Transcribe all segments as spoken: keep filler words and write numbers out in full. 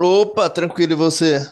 Opa, tranquilo, e você?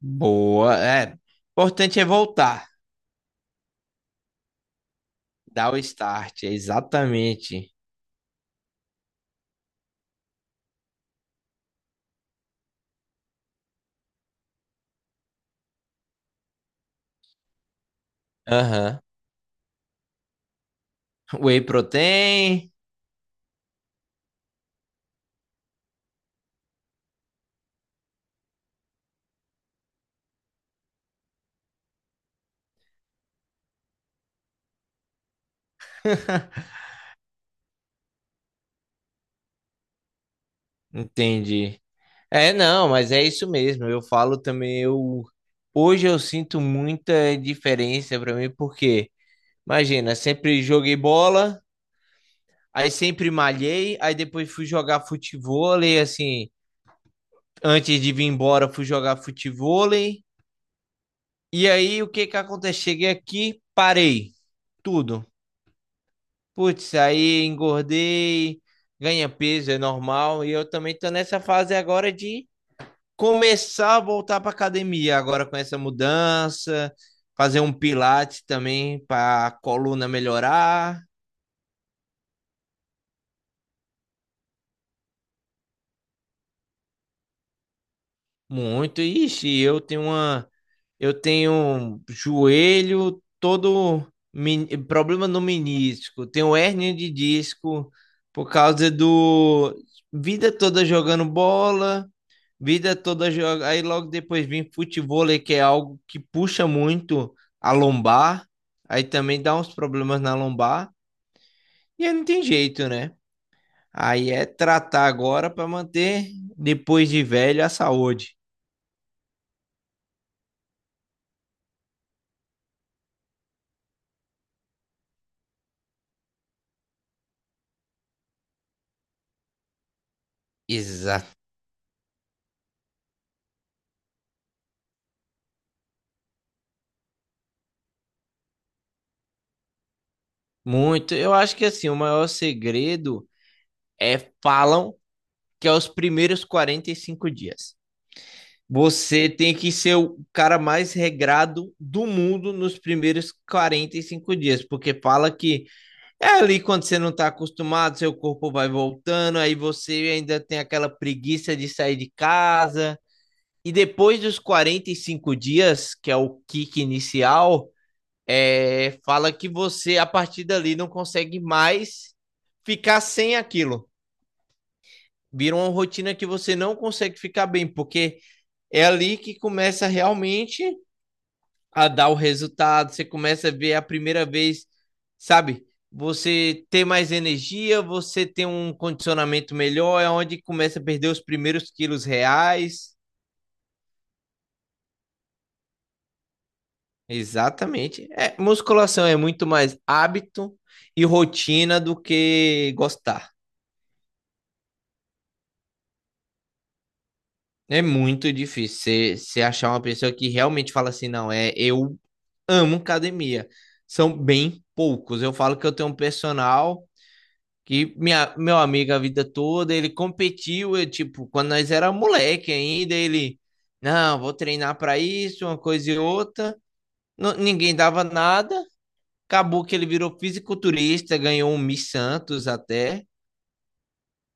Boa, é. Importante é voltar, dar o start, é exatamente. Aham. Whey protein, entendi. É, não, mas é isso mesmo. Eu falo também. Eu Hoje eu sinto muita diferença pra mim, porque imagina, sempre joguei bola, aí sempre malhei, aí depois fui jogar futevôlei, assim, antes de vir embora fui jogar futevôlei. E aí o que que acontece? Cheguei aqui, parei tudo. Putz, aí engordei, ganha peso, é normal, e eu também tô nessa fase agora de começar a voltar pra academia, agora com essa mudança, fazer um pilates também para coluna melhorar muito. Ixi, eu tenho uma Eu tenho joelho todo, men- problema no menisco, tenho hérnia de disco por causa do vida toda jogando bola, vida toda joga, aí logo depois vem futevôlei, que é algo que puxa muito a lombar, aí também dá uns problemas na lombar, e aí não tem jeito, né? Aí é tratar agora para manter depois de velho a saúde. Exato. Muito. Eu acho que, assim, o maior segredo é, falam que é os primeiros quarenta e cinco dias. Você tem que ser o cara mais regrado do mundo nos primeiros quarenta e cinco dias, porque fala que é ali quando você não está acostumado, seu corpo vai voltando, aí você ainda tem aquela preguiça de sair de casa. E depois dos quarenta e cinco dias, que é o kick inicial, é, fala que você, a partir dali, não consegue mais ficar sem aquilo. Vira uma rotina que você não consegue ficar bem, porque é ali que começa realmente a dar o resultado. Você começa a ver a primeira vez, sabe? Você ter mais energia, você ter um condicionamento melhor, é onde começa a perder os primeiros quilos reais. Exatamente. É, musculação é muito mais hábito e rotina do que gostar. É muito difícil você, você achar uma pessoa que realmente fala assim, não, é, eu amo academia. São bem poucos. Eu falo que eu tenho um personal que minha, meu amigo a vida toda, ele competiu, eu, tipo, quando nós era moleque ainda, ele, não, vou treinar para isso, uma coisa e outra. Não- ninguém dava nada. Acabou que ele virou fisiculturista, ganhou um Miss Santos até.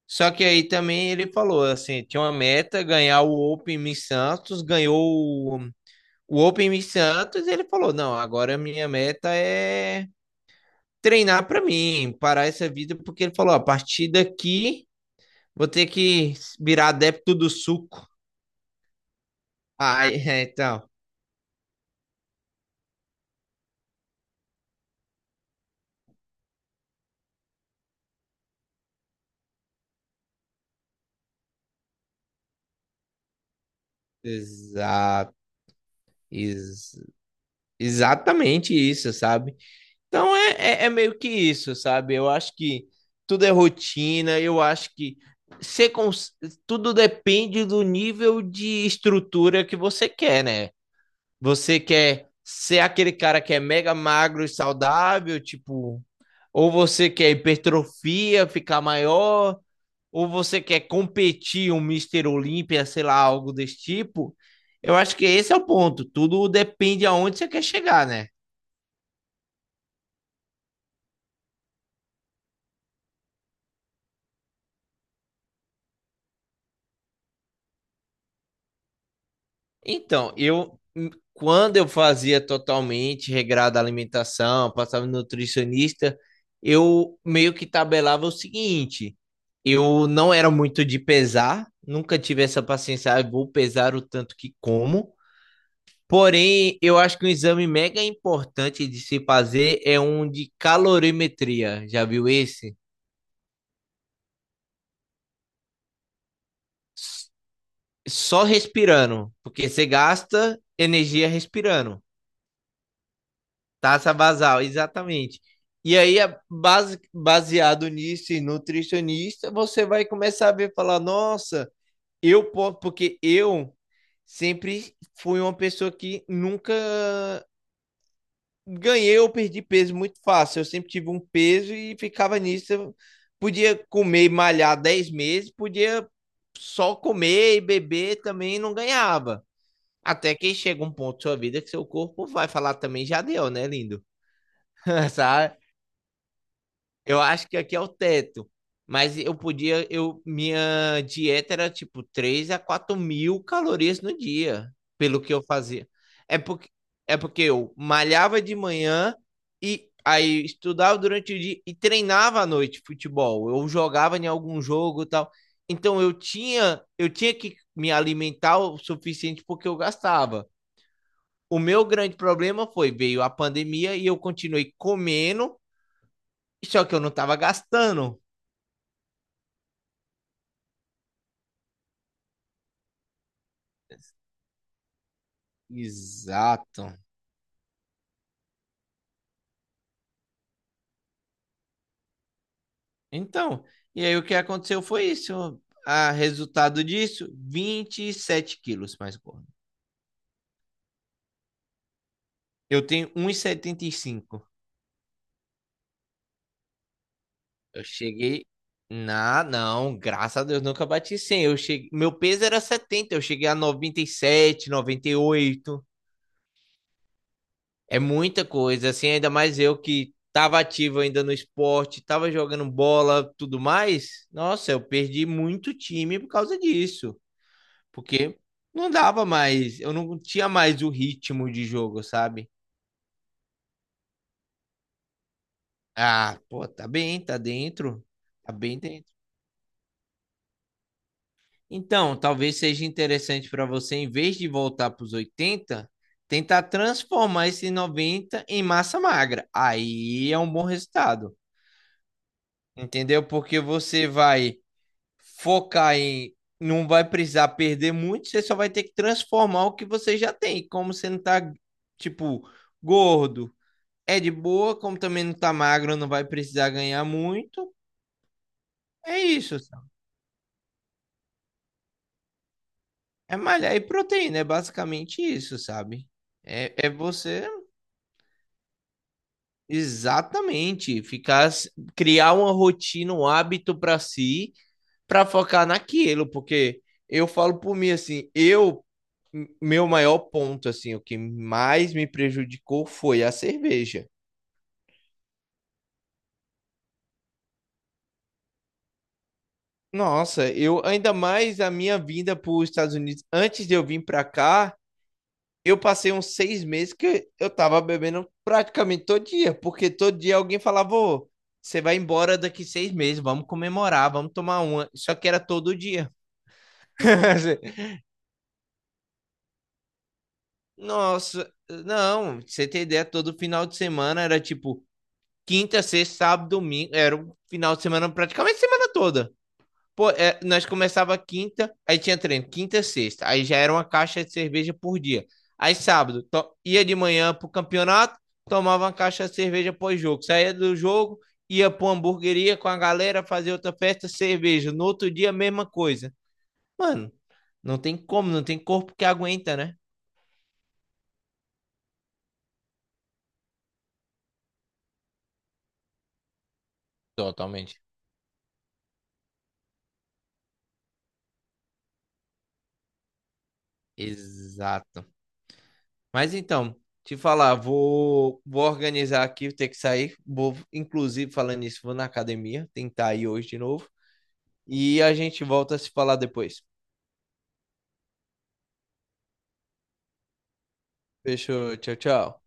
Só que aí também ele falou assim, tinha uma meta, ganhar o Open Miss Santos, ganhou o o Open Miss Santos, e ele falou, não, agora a minha meta é treinar para mim, parar essa vida, porque ele falou: ó, a partir daqui vou ter que virar adepto do suco. Ah, é, então, exa Ex exatamente isso, sabe? Então é, é, é, meio que isso, sabe? Eu acho que tudo é rotina, eu acho que ser cons... tudo depende do nível de estrutura que você quer, né? Você quer ser aquele cara que é mega magro e saudável, tipo, ou você quer hipertrofia, ficar maior, ou você quer competir um Mister Olímpia, sei lá, algo desse tipo. Eu acho que esse é o ponto. Tudo depende aonde você quer chegar, né? Então, eu hum, quando eu fazia totalmente regrada a alimentação, passava no nutricionista, eu meio que tabelava o seguinte: eu não era muito de pesar, nunca tive essa paciência, ah, vou pesar o tanto que como. Porém, eu acho que um exame mega importante de se fazer é um de calorimetria. Já viu esse? S- Só respirando, porque você gasta energia respirando. Taxa basal, exatamente. E aí, a base, baseado nisso, e nutricionista, você vai começar a ver, falar, nossa, eu posso, porque eu sempre fui uma pessoa que nunca ganhei ou perdi peso muito fácil. Eu sempre tive um peso e ficava nisso. Eu podia comer e malhar dez meses, podia só comer e beber também, e não ganhava. Até que chega um ponto da sua vida que seu corpo vai falar também, já deu, né, lindo? Sabe? Eu acho que aqui é o teto. Mas eu podia, eu, minha dieta era tipo três a quatro mil calorias no dia, pelo que eu fazia. É porque, é porque eu malhava de manhã e aí estudava durante o dia e treinava à noite futebol. Eu jogava em algum jogo e tal. Então eu tinha, eu tinha que me alimentar o suficiente, porque eu gastava. O meu grande problema foi, veio a pandemia e eu continuei comendo, só que eu não estava gastando. Exato. Então, e aí o que aconteceu foi isso. A resultado disso, vinte e sete quilos mais gordo. Eu tenho um e e setenta e cinco. Eu cheguei. Na, não, graças a Deus, nunca bati cem. Eu cheguei, meu peso era setenta. Eu cheguei a noventa, noventa e sete, noventa e oito. É muita coisa, assim, ainda mais eu que tava ativo ainda no esporte, tava jogando bola, tudo mais. Nossa, eu perdi muito time por causa disso, porque não dava mais, eu não tinha mais o ritmo de jogo, sabe? Ah, pô, tá bem, tá dentro, tá bem dentro. Então, talvez seja interessante para você, em vez de voltar para os oitenta, tentar transformar esse noventa em massa magra. Aí é um bom resultado, entendeu? Porque você vai focar em. Não vai precisar perder muito, você só vai ter que transformar o que você já tem. Como você não tá, tipo, gordo, é de boa, como também não tá magro, não vai precisar ganhar muito. É isso, sabe? É malhar e proteína, é basicamente isso, sabe? É, é você exatamente ficar, criar uma rotina, um hábito para si, para focar naquilo, porque eu falo por mim assim, eu meu maior ponto, assim, o que mais me prejudicou foi a cerveja. Nossa, eu, ainda mais a minha vinda para os Estados Unidos antes de eu vir para cá, eu passei uns seis meses que eu tava bebendo praticamente todo dia, porque todo dia alguém falava, ô, você vai embora daqui seis meses, vamos comemorar, vamos tomar uma. Só que era todo dia. Nossa, não, pra você tem ideia, todo final de semana era tipo quinta, sexta, sábado, domingo, era um final de semana praticamente semana toda. Pô, é, nós começava quinta, aí tinha treino, quinta e sexta. Aí já era uma caixa de cerveja por dia. Aí sábado, to- ia de manhã pro campeonato, tomava uma caixa de cerveja pós-jogo. Saía do jogo, ia pra uma hamburgueria com a galera, fazer outra festa, cerveja. No outro dia, mesma coisa. Mano, não tem como, não tem corpo que aguenta, né? Totalmente. Exato. Mas então, te falar, vou, vou organizar aqui, vou ter que sair. Vou, inclusive, falando nisso, vou na academia, tentar ir hoje de novo. E a gente volta a se falar depois. Fechou, tchau, tchau.